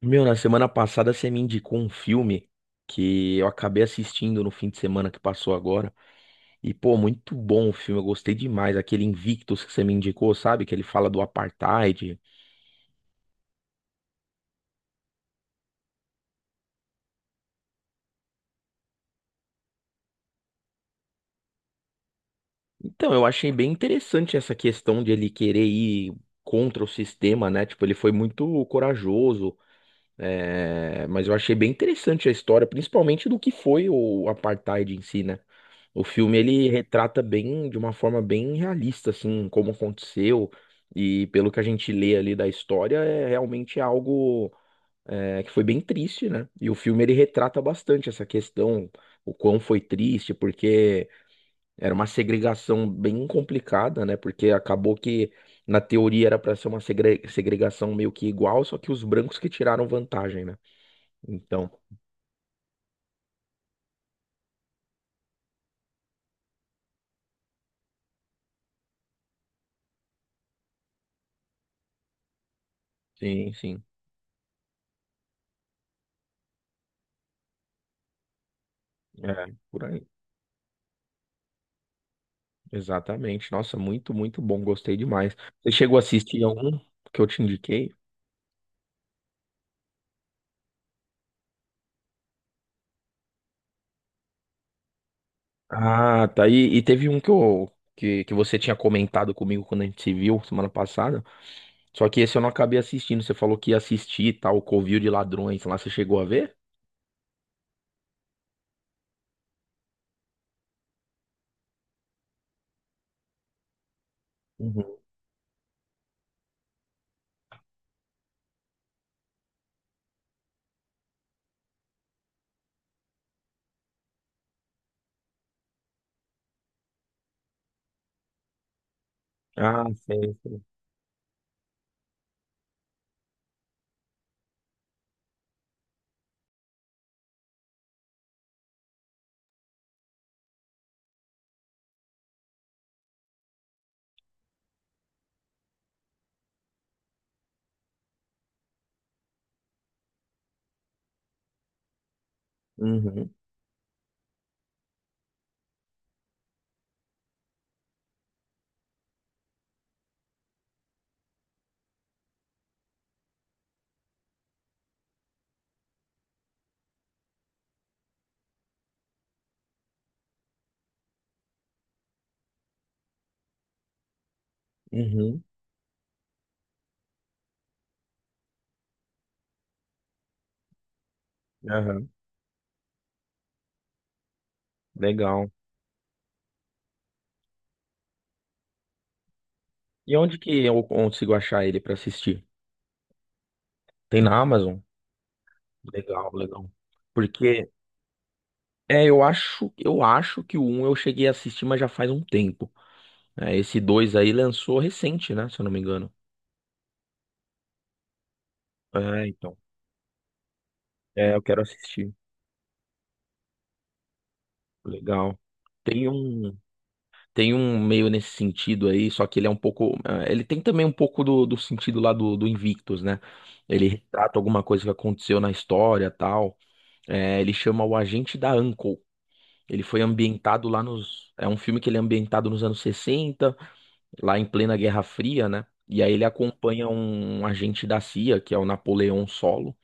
Meu, na semana passada você me indicou um filme que eu acabei assistindo no fim de semana que passou agora. E, pô, muito bom o filme, eu gostei demais. Aquele Invictus que você me indicou, sabe? Que ele fala do apartheid. Então, eu achei bem interessante essa questão de ele querer ir contra o sistema, né? Tipo, ele foi muito corajoso. É, mas eu achei bem interessante a história, principalmente do que foi o apartheid em si, né? O filme ele retrata bem, de uma forma bem realista, assim, como aconteceu e pelo que a gente lê ali da história, é realmente algo que foi bem triste, né? E o filme ele retrata bastante essa questão, o quão foi triste, porque era uma segregação bem complicada, né? Porque acabou que na teoria era para ser uma segregação meio que igual, só que os brancos que tiraram vantagem, né? Então, sim, sim. É, por aí. Exatamente. Nossa, muito, muito bom. Gostei demais. Você chegou a assistir algum que eu te indiquei? Ah, tá. E teve um que você tinha comentado comigo quando a gente se viu semana passada. Só que esse eu não acabei assistindo. Você falou que ia assistir tal, o Covil de Ladrões lá. Você chegou a ver? Uhum. Ah, sei, sei. Uhum, uhum, aham. Legal. E onde que eu consigo achar ele pra assistir? Tem na Amazon? Legal, legal. Porque É, eu acho que o um eu cheguei a assistir, mas já faz um tempo. É, esse 2 aí lançou recente, né? Se eu não me engano. É, então. É, eu quero assistir. Legal. Tem um, tem um meio nesse sentido aí, só que ele é um pouco. Ele tem também um pouco do sentido lá do Invictus, né? Ele retrata alguma coisa que aconteceu na história tal. É, ele chama o Agente da Uncle. Ele foi ambientado lá nos. É um filme que ele é ambientado nos anos 60 lá em plena Guerra Fria, né? E aí ele acompanha um agente da CIA, que é o Napoleão Solo,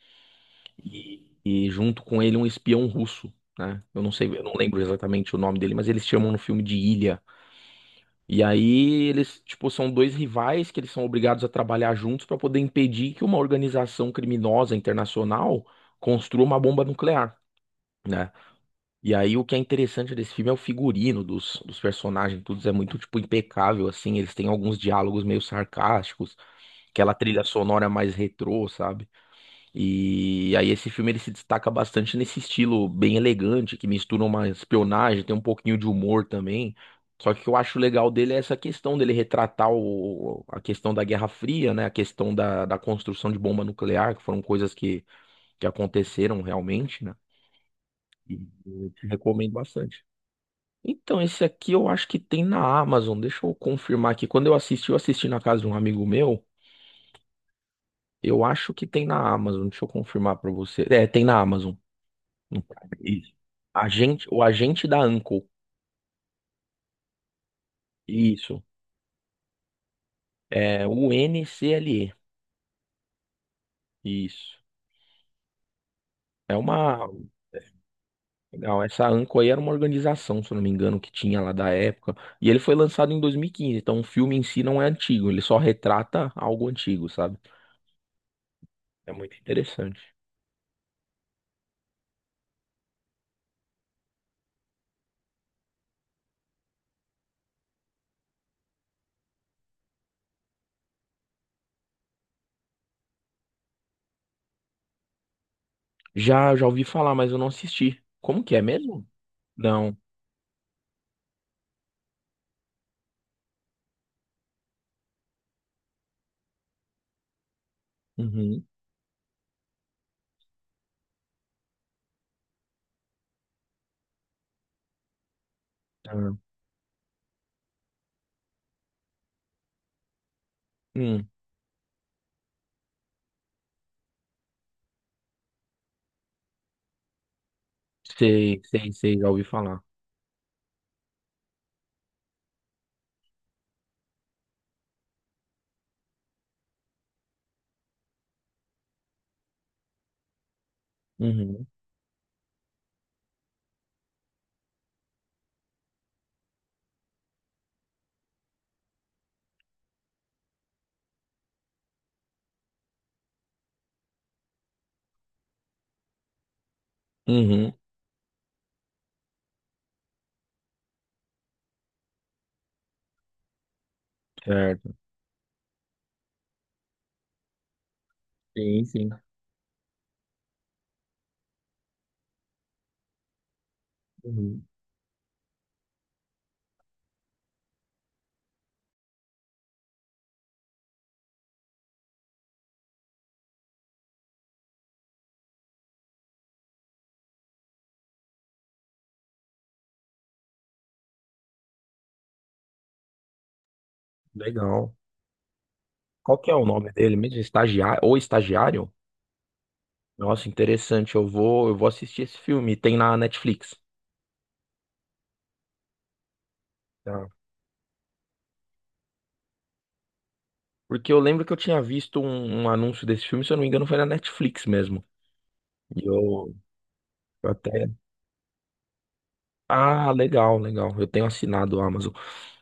e junto com ele um espião russo, né? Eu não sei, eu não lembro exatamente o nome dele, mas eles chamam no filme de Ilha. E aí eles, tipo, são dois rivais que eles são obrigados a trabalhar juntos para poder impedir que uma organização criminosa internacional construa uma bomba nuclear. Né? E aí o que é interessante desse filme é o figurino dos personagens, tudo é muito tipo impecável assim, eles têm alguns diálogos meio sarcásticos, aquela trilha sonora mais retrô, sabe? E aí esse filme ele se destaca bastante nesse estilo bem elegante, que mistura uma espionagem, tem um pouquinho de humor também. Só que o que eu acho legal dele é essa questão dele retratar a questão da Guerra Fria, né? A questão da construção de bomba nuclear, que foram coisas que aconteceram realmente, né? E eu te recomendo bastante. Então, esse aqui eu acho que tem na Amazon. Deixa eu confirmar aqui. Quando eu assisti na casa de um amigo meu. Eu acho que tem na Amazon, deixa eu confirmar pra você. É, tem na Amazon, no Prime. Isso. O agente da Uncle. Isso. É o NCLE. Isso. É uma. Legal, essa Anco aí era uma organização, se eu não me engano, que tinha lá da época. E ele foi lançado em 2015. Então o filme em si não é antigo, ele só retrata algo antigo, sabe? É muito interessante. Já, já ouvi falar, mas eu não assisti. Como que é mesmo? Não. Uhum. Ah. Hum. Sei, sei, sei, já ouvi falar. Uhum. Uhum. Certo. Sim, sim. Uhum. Legal. Qual que é o nome dele mesmo? Estagiário ou estagiário? Nossa, interessante. Eu vou assistir esse filme. Tem na Netflix. Tá. Porque eu lembro que eu tinha visto um anúncio desse filme, se eu não me engano, foi na Netflix mesmo. E eu até. Ah, legal, legal. Eu tenho assinado o Amazon.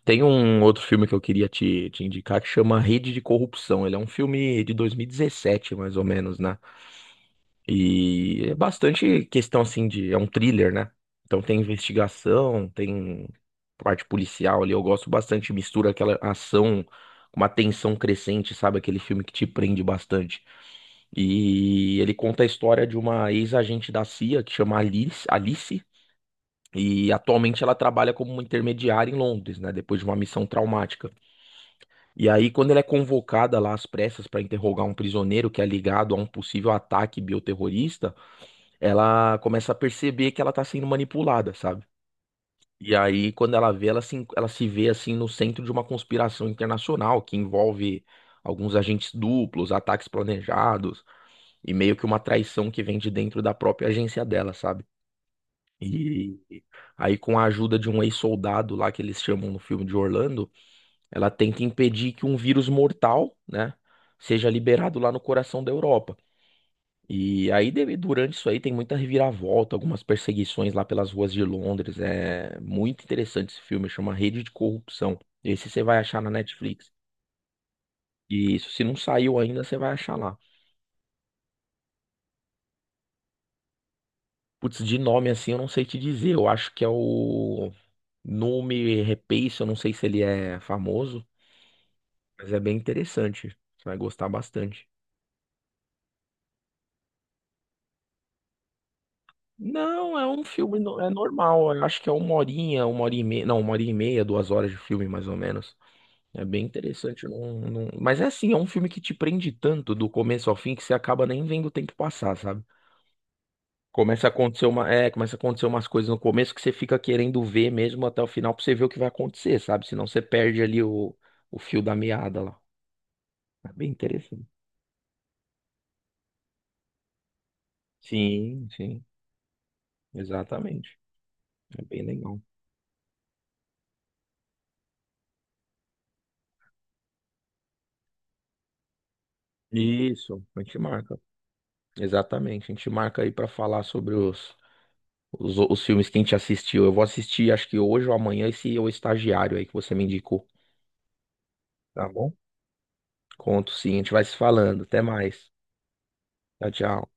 Tem um outro filme que eu queria te indicar que chama Rede de Corrupção. Ele é um filme de 2017 mais ou menos, né? E é bastante questão assim de. É um thriller, né? Então tem investigação, tem parte policial ali. Eu gosto bastante, mistura aquela ação com uma tensão crescente, sabe? Aquele filme que te prende bastante. E ele conta a história de uma ex-agente da CIA que chama Alice, Alice. E atualmente ela trabalha como uma intermediária em Londres, né? Depois de uma missão traumática. E aí, quando ela é convocada lá às pressas para interrogar um prisioneiro que é ligado a um possível ataque bioterrorista, ela começa a perceber que ela tá sendo manipulada, sabe? E aí, quando ela vê, ela se vê assim no centro de uma conspiração internacional que envolve alguns agentes duplos, ataques planejados e meio que uma traição que vem de dentro da própria agência dela, sabe? E aí, com a ajuda de um ex-soldado lá que eles chamam no filme de Orlando, ela tenta impedir que um vírus mortal, né, seja liberado lá no coração da Europa. E aí, durante isso aí, tem muita reviravolta, algumas perseguições lá pelas ruas de Londres. É muito interessante esse filme, chama Rede de Corrupção. Esse você vai achar na Netflix. E isso, se não saiu ainda, você vai achar lá. Putz, de nome assim, eu não sei te dizer. Eu acho que é o nome Rapace, eu não sei se ele é famoso, mas é bem interessante. Você vai gostar bastante. Não, é um filme, é normal. Eu acho que é uma horinha, uma hora e meia. Não, uma hora e meia, duas horas de filme, mais ou menos. É bem interessante. Não, não. Mas é assim, é um filme que te prende tanto do começo ao fim que você acaba nem vendo o tempo passar, sabe? Começa a acontecer umas coisas no começo que você fica querendo ver mesmo até o final pra você ver o que vai acontecer, sabe? Senão você perde ali o fio da meada lá. É bem interessante. Sim, sim, exatamente. É bem legal. Isso, a gente marca. Exatamente, a gente marca aí pra falar sobre os filmes que a gente assistiu. Eu vou assistir, acho que hoje ou amanhã, esse é O Estagiário aí que você me indicou. Tá bom? Conto sim, a gente vai se falando. Até mais. Tchau, tchau.